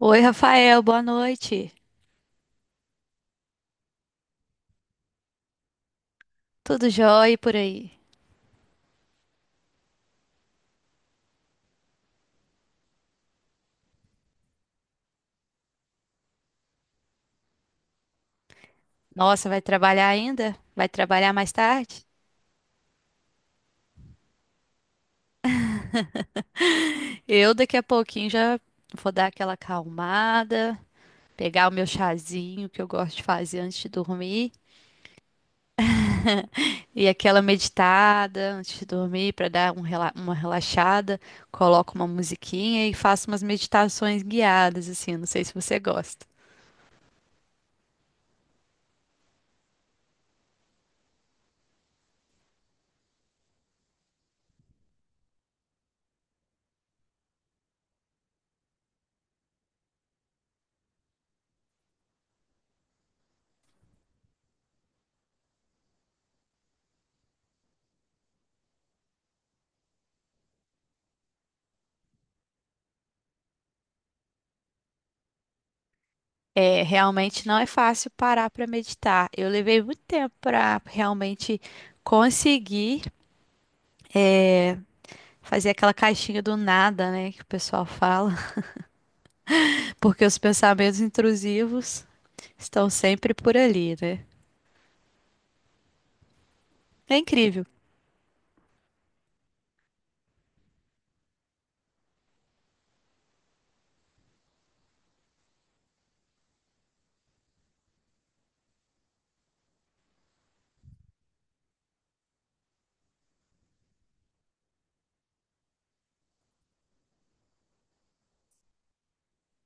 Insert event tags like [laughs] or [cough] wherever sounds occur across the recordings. Oi, Rafael, boa noite. Tudo jóia por aí? Nossa, vai trabalhar ainda? Vai trabalhar mais tarde? Eu daqui a pouquinho já vou dar aquela acalmada, pegar o meu chazinho que eu gosto de fazer antes de dormir e aquela meditada antes de dormir para dar uma relaxada. Coloco uma musiquinha e faço umas meditações guiadas assim. Não sei se você gosta. É, realmente não é fácil parar para meditar. Eu levei muito tempo para realmente conseguir fazer aquela caixinha do nada, né, que o pessoal fala, [laughs] porque os pensamentos intrusivos estão sempre por ali, né? É incrível.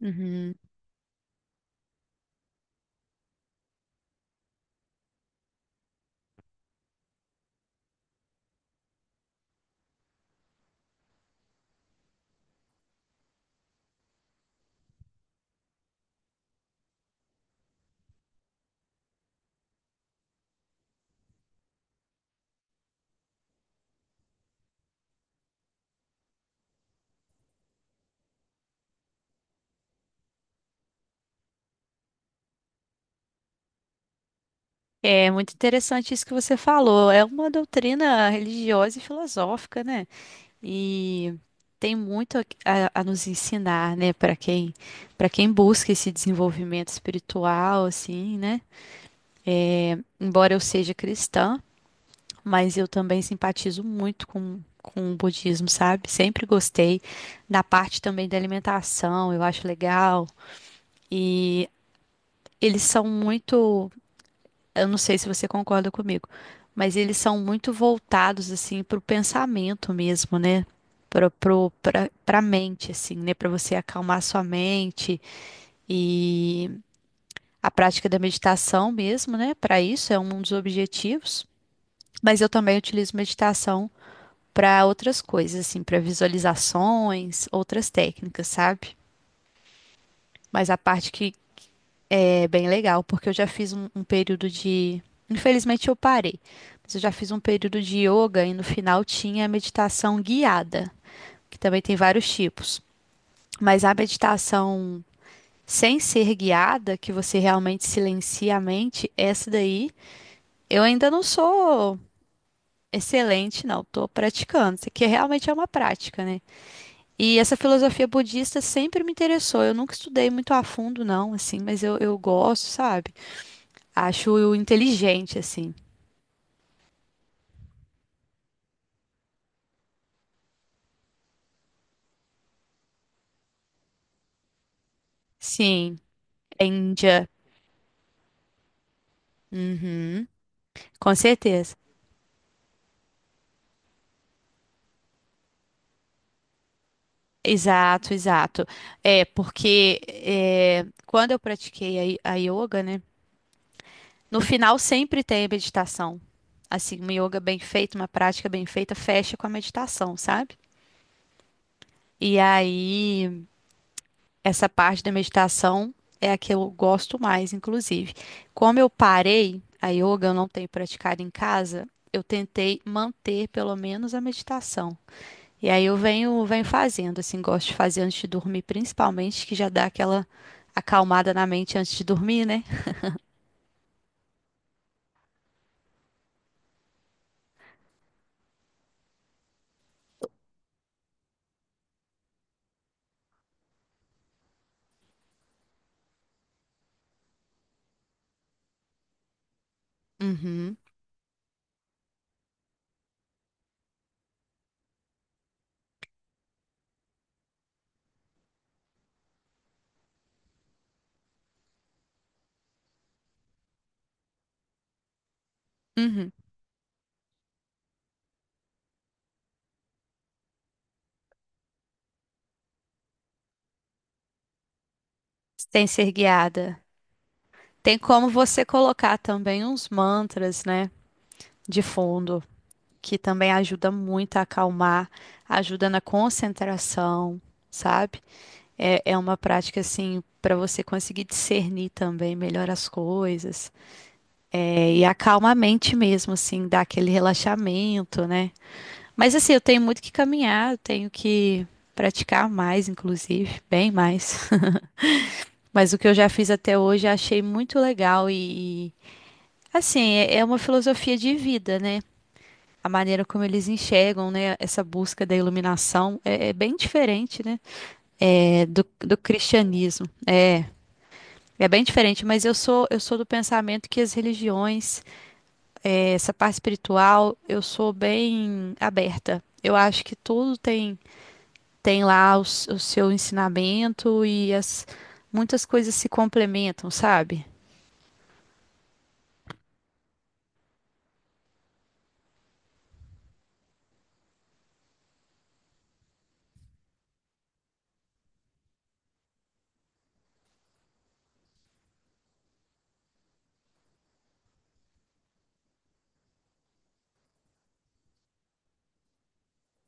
Uhum. É muito interessante isso que você falou. É uma doutrina religiosa e filosófica, né? E tem muito a nos ensinar, né, para quem busca esse desenvolvimento espiritual, assim, né? Embora eu seja cristã, mas eu também simpatizo muito com o budismo, sabe? Sempre gostei da parte também da alimentação, eu acho legal. E eles são muito, eu não sei se você concorda comigo, mas eles são muito voltados assim para o pensamento mesmo, né? Para Para mente, assim, né? Para você acalmar sua mente e a prática da meditação mesmo, né? Para isso é um dos objetivos. Mas eu também utilizo meditação para outras coisas, assim, para visualizações, outras técnicas, sabe? Mas a parte que é bem legal, porque eu já fiz um período de. Infelizmente eu parei, mas eu já fiz um período de yoga e no final tinha meditação guiada, que também tem vários tipos. Mas a meditação sem ser guiada, que você realmente silencia a mente, essa daí, eu ainda não sou excelente, não. Tô praticando. Isso aqui realmente é uma prática, né? E essa filosofia budista sempre me interessou. Eu nunca estudei muito a fundo, não, assim, mas eu gosto, sabe? Acho inteligente, assim. Sim, é Índia. Uhum, com certeza. Exato, exato. É, porque é, quando eu pratiquei a yoga, né? No final sempre tem a meditação. Assim, uma yoga bem feita, uma prática bem feita, fecha com a meditação, sabe? E aí. Essa parte da meditação é a que eu gosto mais, inclusive. Como eu parei, a yoga eu não tenho praticado em casa, eu tentei manter pelo menos a meditação. E aí eu venho fazendo, assim, gosto de fazer antes de dormir, principalmente, que já dá aquela acalmada na mente antes de dormir, né? Uhum, uhum. Sem ser guiada. Tem como você colocar também uns mantras, né, de fundo, que também ajuda muito a acalmar, ajuda na concentração, sabe? É, é uma prática assim para você conseguir discernir também melhor as coisas. É, e acalma a mente mesmo, assim, dá aquele relaxamento, né? Mas assim, eu tenho muito que caminhar, eu tenho que praticar mais, inclusive, bem mais. [laughs] Mas o que eu já fiz até hoje, eu achei muito legal e assim, é é uma filosofia de vida, né? A maneira como eles enxergam, né, essa busca da iluminação é, é bem diferente, né, é, do cristianismo. É bem diferente, mas eu sou do pensamento que as religiões, é, essa parte espiritual, eu sou bem aberta. Eu acho que tudo tem seu ensinamento e as muitas coisas se complementam, sabe?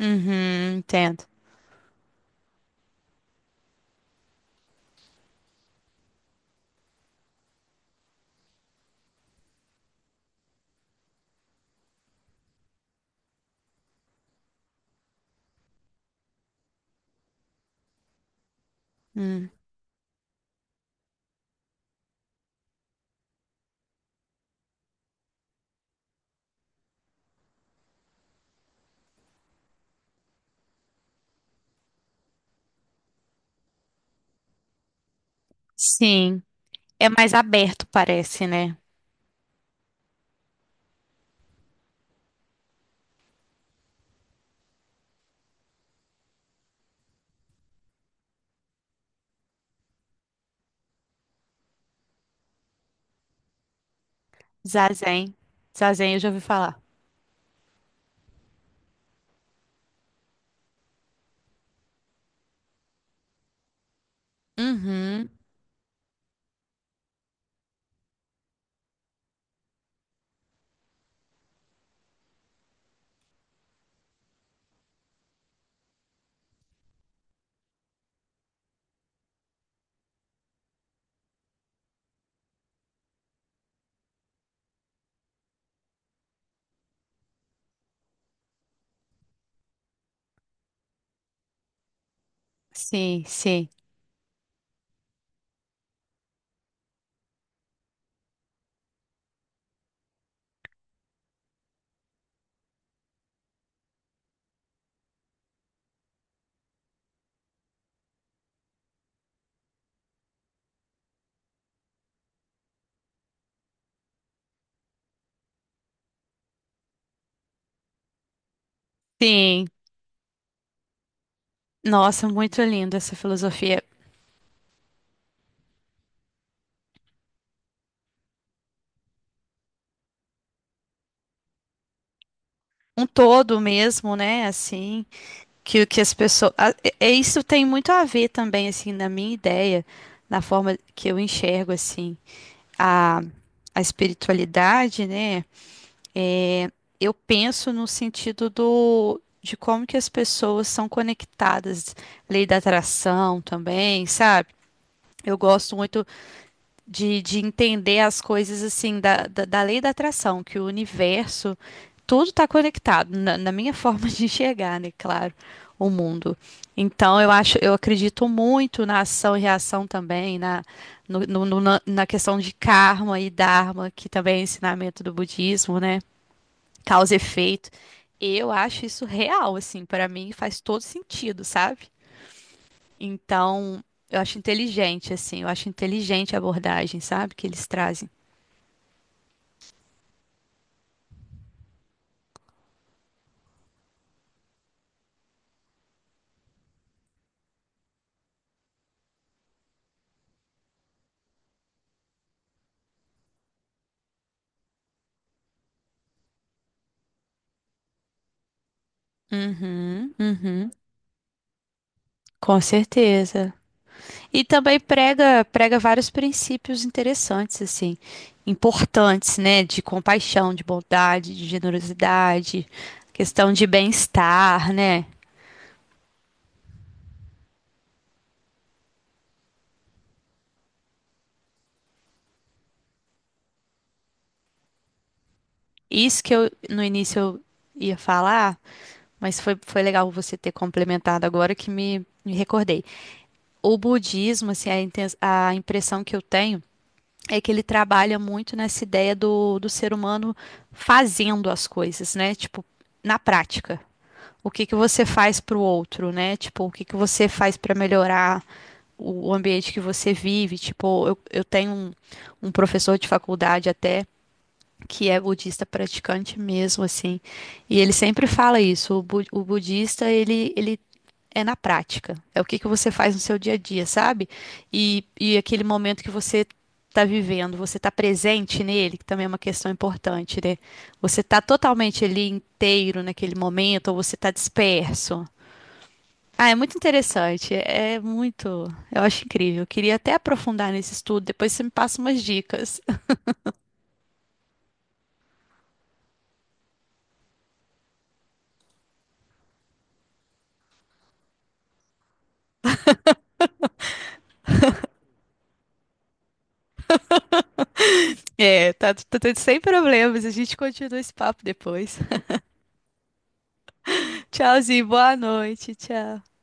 Uhum, entendo. Hum. Sim, é mais aberto, parece, né? Zazen. Zazen, eu já ouvi falar. Uhum. Sim, sim, sim. Nossa, muito linda essa filosofia. Um todo mesmo, né? Assim, que o que as pessoas. Isso tem muito a ver também, assim, na minha ideia, na forma que eu enxergo, assim, a, a espiritualidade, né? É, eu penso no sentido do, de como que as pessoas são conectadas, lei da atração também, sabe? Eu gosto muito de entender as coisas assim da lei da atração, que o universo, tudo está conectado, na minha [laughs] forma de enxergar, né? Claro, o mundo. Então eu acho, eu acredito muito na ação e reação também, na, na questão de karma e dharma, que também é ensinamento do budismo, né? Causa e efeito. Eu acho isso real, assim, para mim faz todo sentido, sabe? Então, eu acho inteligente, assim, eu acho inteligente a abordagem, sabe, que eles trazem. Uhum, uhum, com certeza. E também prega vários princípios interessantes, assim, importantes, né? De compaixão, de bondade, de generosidade, questão de bem-estar, né? Isso que eu no início eu ia falar, mas foi, foi legal você ter complementado agora que me recordei. O budismo, assim, a impressão que eu tenho é que ele trabalha muito nessa ideia do, do ser humano fazendo as coisas, né? Tipo, na prática. O que que você faz para o outro, né? Tipo, o que que você faz para melhorar o ambiente que você vive? Tipo, eu tenho um professor de faculdade até que é budista praticante mesmo, assim, e ele sempre fala isso. O budista, ele é na prática. É o que que você faz no seu dia a dia, sabe? E aquele momento que você está vivendo, você está presente nele, que também é uma questão importante, né? Você está totalmente ali inteiro naquele momento, ou você está disperso. Ah, é muito interessante, é muito, eu acho incrível. Eu queria até aprofundar nesse estudo, depois você me passa umas dicas. [laughs] É, tá, tá tudo sem problemas, a gente continua esse papo depois. [laughs] Tchauzinho, boa noite, tchau.